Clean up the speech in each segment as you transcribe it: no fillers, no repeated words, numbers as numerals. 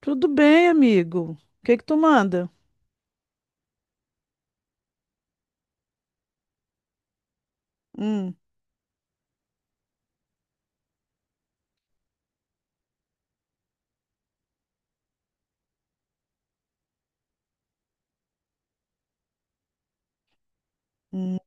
Tudo bem, amigo. O que que tu manda? Hum, hum.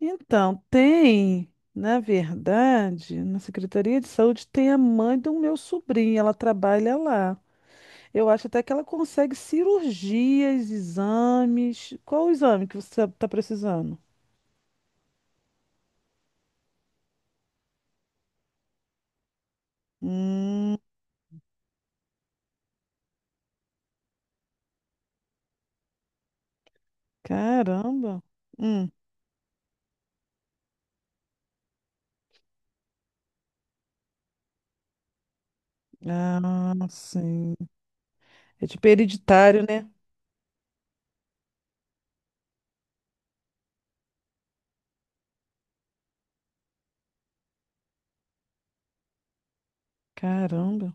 Então, tem, na verdade, na Secretaria de Saúde tem a mãe do meu sobrinho, ela trabalha lá. Eu acho até que ela consegue cirurgias, exames. Qual o exame que você está precisando? Hum, caramba. Hum, ah, sim. É tipo hereditário, né? Caramba.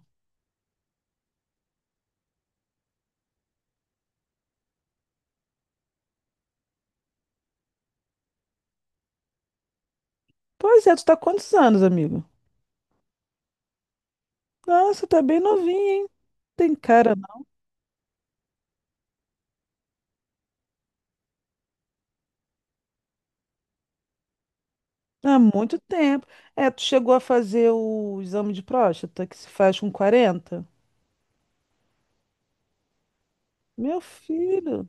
Pois é, tu tá há quantos anos, amigo? Nossa, tá bem novinho, hein? Tem cara. Há muito tempo. É, tu chegou a fazer o exame de próstata que se faz com 40? Meu filho.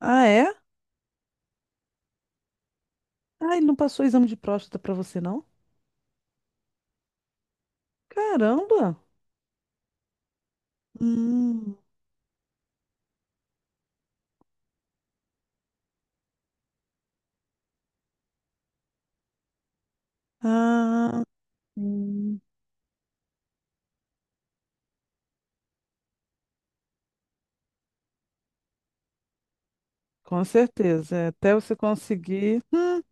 Ah, é? Ah, ele não passou o exame de próstata pra você, não? Caramba! Hum. Ah, hum. Com certeza. É, até você conseguir.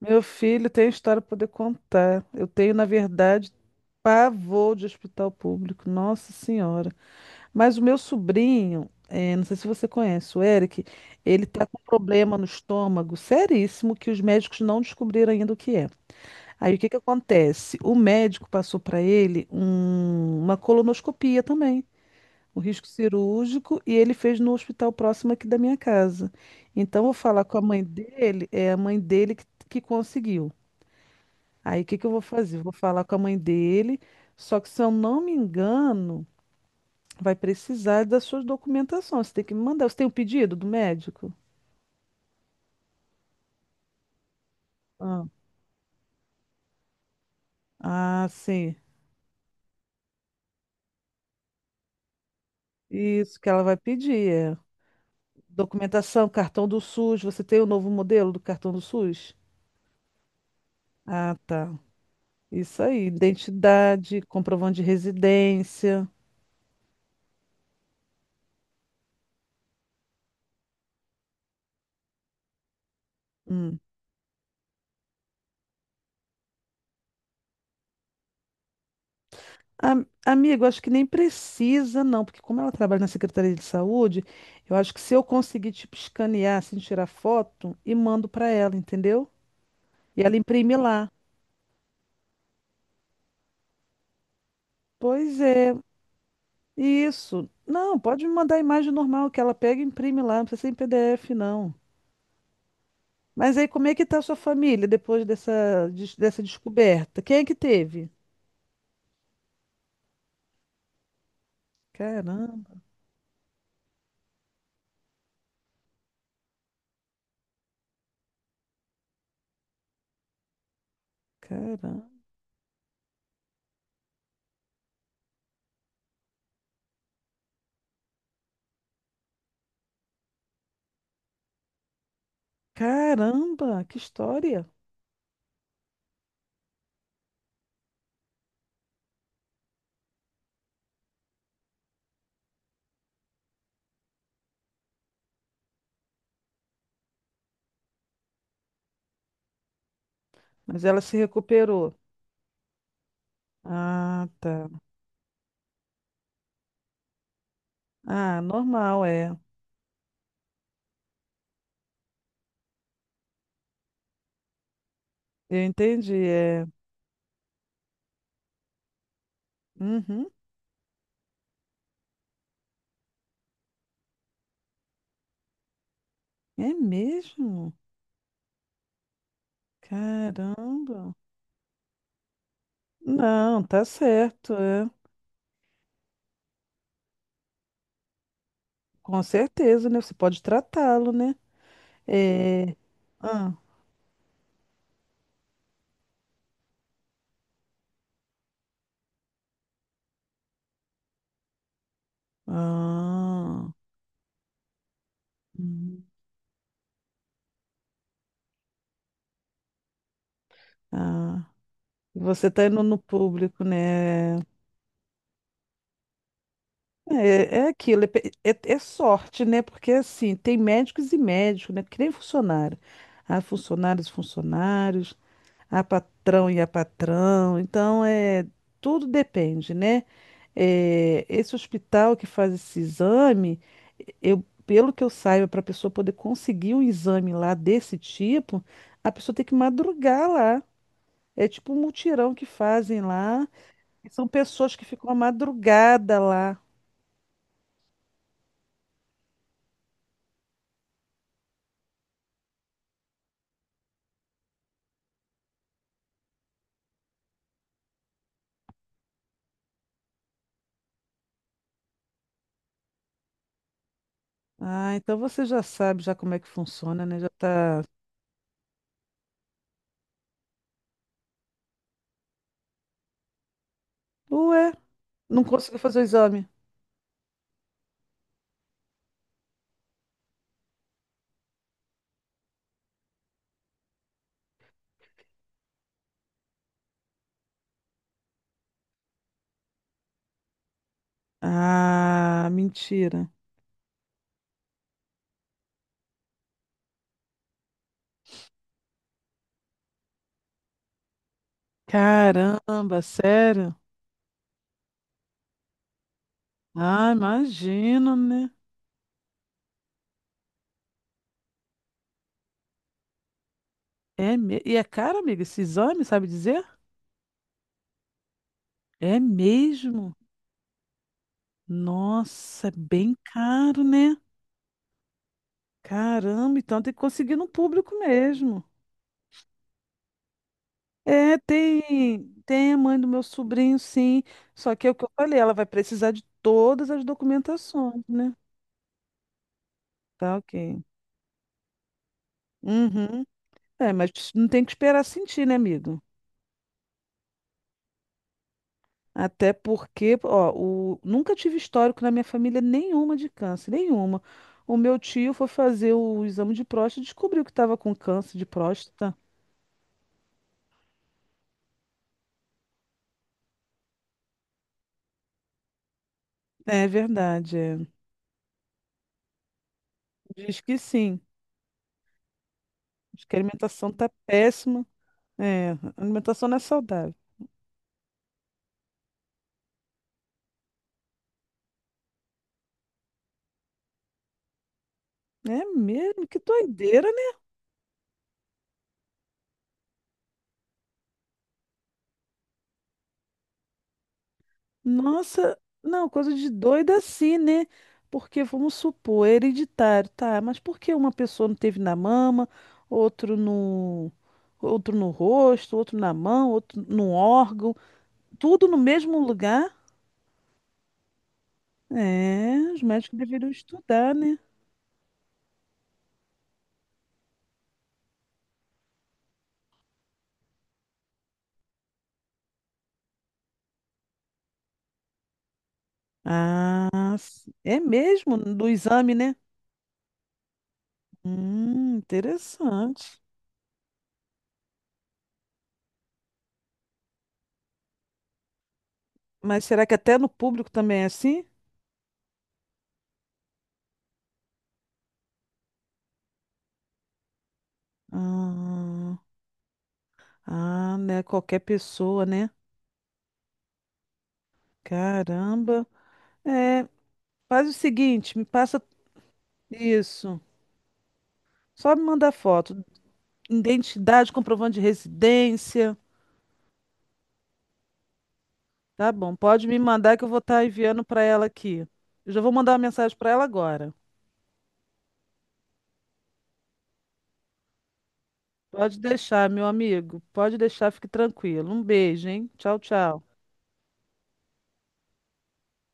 Meu filho tem história para poder contar. Eu tenho, na verdade, pavor de hospital público. Nossa Senhora. Mas o meu sobrinho, não sei se você conhece, o Eric, ele tá com um problema no estômago seríssimo que os médicos não descobriram ainda o que é. Aí o que que acontece? O médico passou para ele uma colonoscopia também, o risco cirúrgico, e ele fez no hospital próximo aqui da minha casa. Então eu vou falar com a mãe dele, é a mãe dele que conseguiu. Aí o que que eu vou fazer? Vou falar com a mãe dele, só que se eu não me engano. Vai precisar das suas documentações. Você tem que me mandar. Você tem o pedido do médico? Ah, ah, sim. Isso que ela vai pedir. É. Documentação, cartão do SUS. Você tem o novo modelo do cartão do SUS? Ah, tá. Isso aí. Identidade, comprovante de residência. Hum. Amigo, acho que nem precisa, não, porque como ela trabalha na Secretaria de Saúde, eu acho que se eu conseguir, tipo, escanear, assim, tirar foto e mando para ela, entendeu? E ela imprime lá. Pois é. Isso. Não, pode me mandar a imagem normal que ela pega e imprime lá, não precisa ser em PDF, não. Mas aí, como é que tá a sua família depois dessa descoberta? Quem é que teve? Caramba, caramba, caramba, que história! Mas ela se recuperou. Ah, tá. Ah, normal, é. Eu entendi, é. Uhum. É mesmo? Caramba. Não, tá certo, é. Com certeza, né? Você pode tratá-lo, né? É. Ah. Ah, hum, ah. Você tá indo no público, né? É, é aquilo, é, é sorte, né? Porque assim, tem médicos e médicos, né? Que nem funcionário. Há funcionários e funcionários, há patrão e há patrão. Então, é, tudo depende, né? É, esse hospital que faz esse exame, eu, pelo que eu saiba, para a pessoa poder conseguir um exame lá desse tipo, a pessoa tem que madrugar lá. É tipo um mutirão que fazem lá. E são pessoas que ficam a madrugada lá. Ah, então você já sabe já como é que funciona, né? Já tá. Ué, não conseguiu fazer o exame. Ah, mentira. Caramba, sério? Ah, imagino, né? É me... E é caro, amiga, esse exame, sabe dizer? É mesmo? Nossa, é bem caro, né? Caramba, então tem que conseguir no público mesmo. É, tem, tem a mãe do meu sobrinho, sim. Só que é o que eu falei, ela vai precisar de todas as documentações, né? Tá, ok. Uhum. É, mas não tem que esperar sentir, né, amigo? Até porque, ó, o... nunca tive histórico na minha família nenhuma de câncer, nenhuma. O meu tio foi fazer o exame de próstata e descobriu que estava com câncer de próstata. É verdade, é. Diz que sim. Diz que a alimentação tá péssima. É, a alimentação não é saudável. É mesmo? Que doideira, né? Nossa, não, coisa de doida assim, né? Porque vamos supor, é hereditário, tá? Mas por que uma pessoa não teve na mama, outro no, outro no rosto, outro na mão, outro no órgão, tudo no mesmo lugar? É, os médicos deveriam estudar, né? Ah, é mesmo do exame, né? Interessante. Mas será que até no público também é assim? Ah. Ah, né? Qualquer pessoa, né? Caramba. É, faz o seguinte, me passa isso. Só me mandar foto. Identidade, comprovante de residência. Tá bom, pode me mandar que eu vou estar enviando para ela aqui. Eu já vou mandar uma mensagem para ela agora. Pode deixar, meu amigo. Pode deixar, fique tranquilo. Um beijo, hein? Tchau, tchau.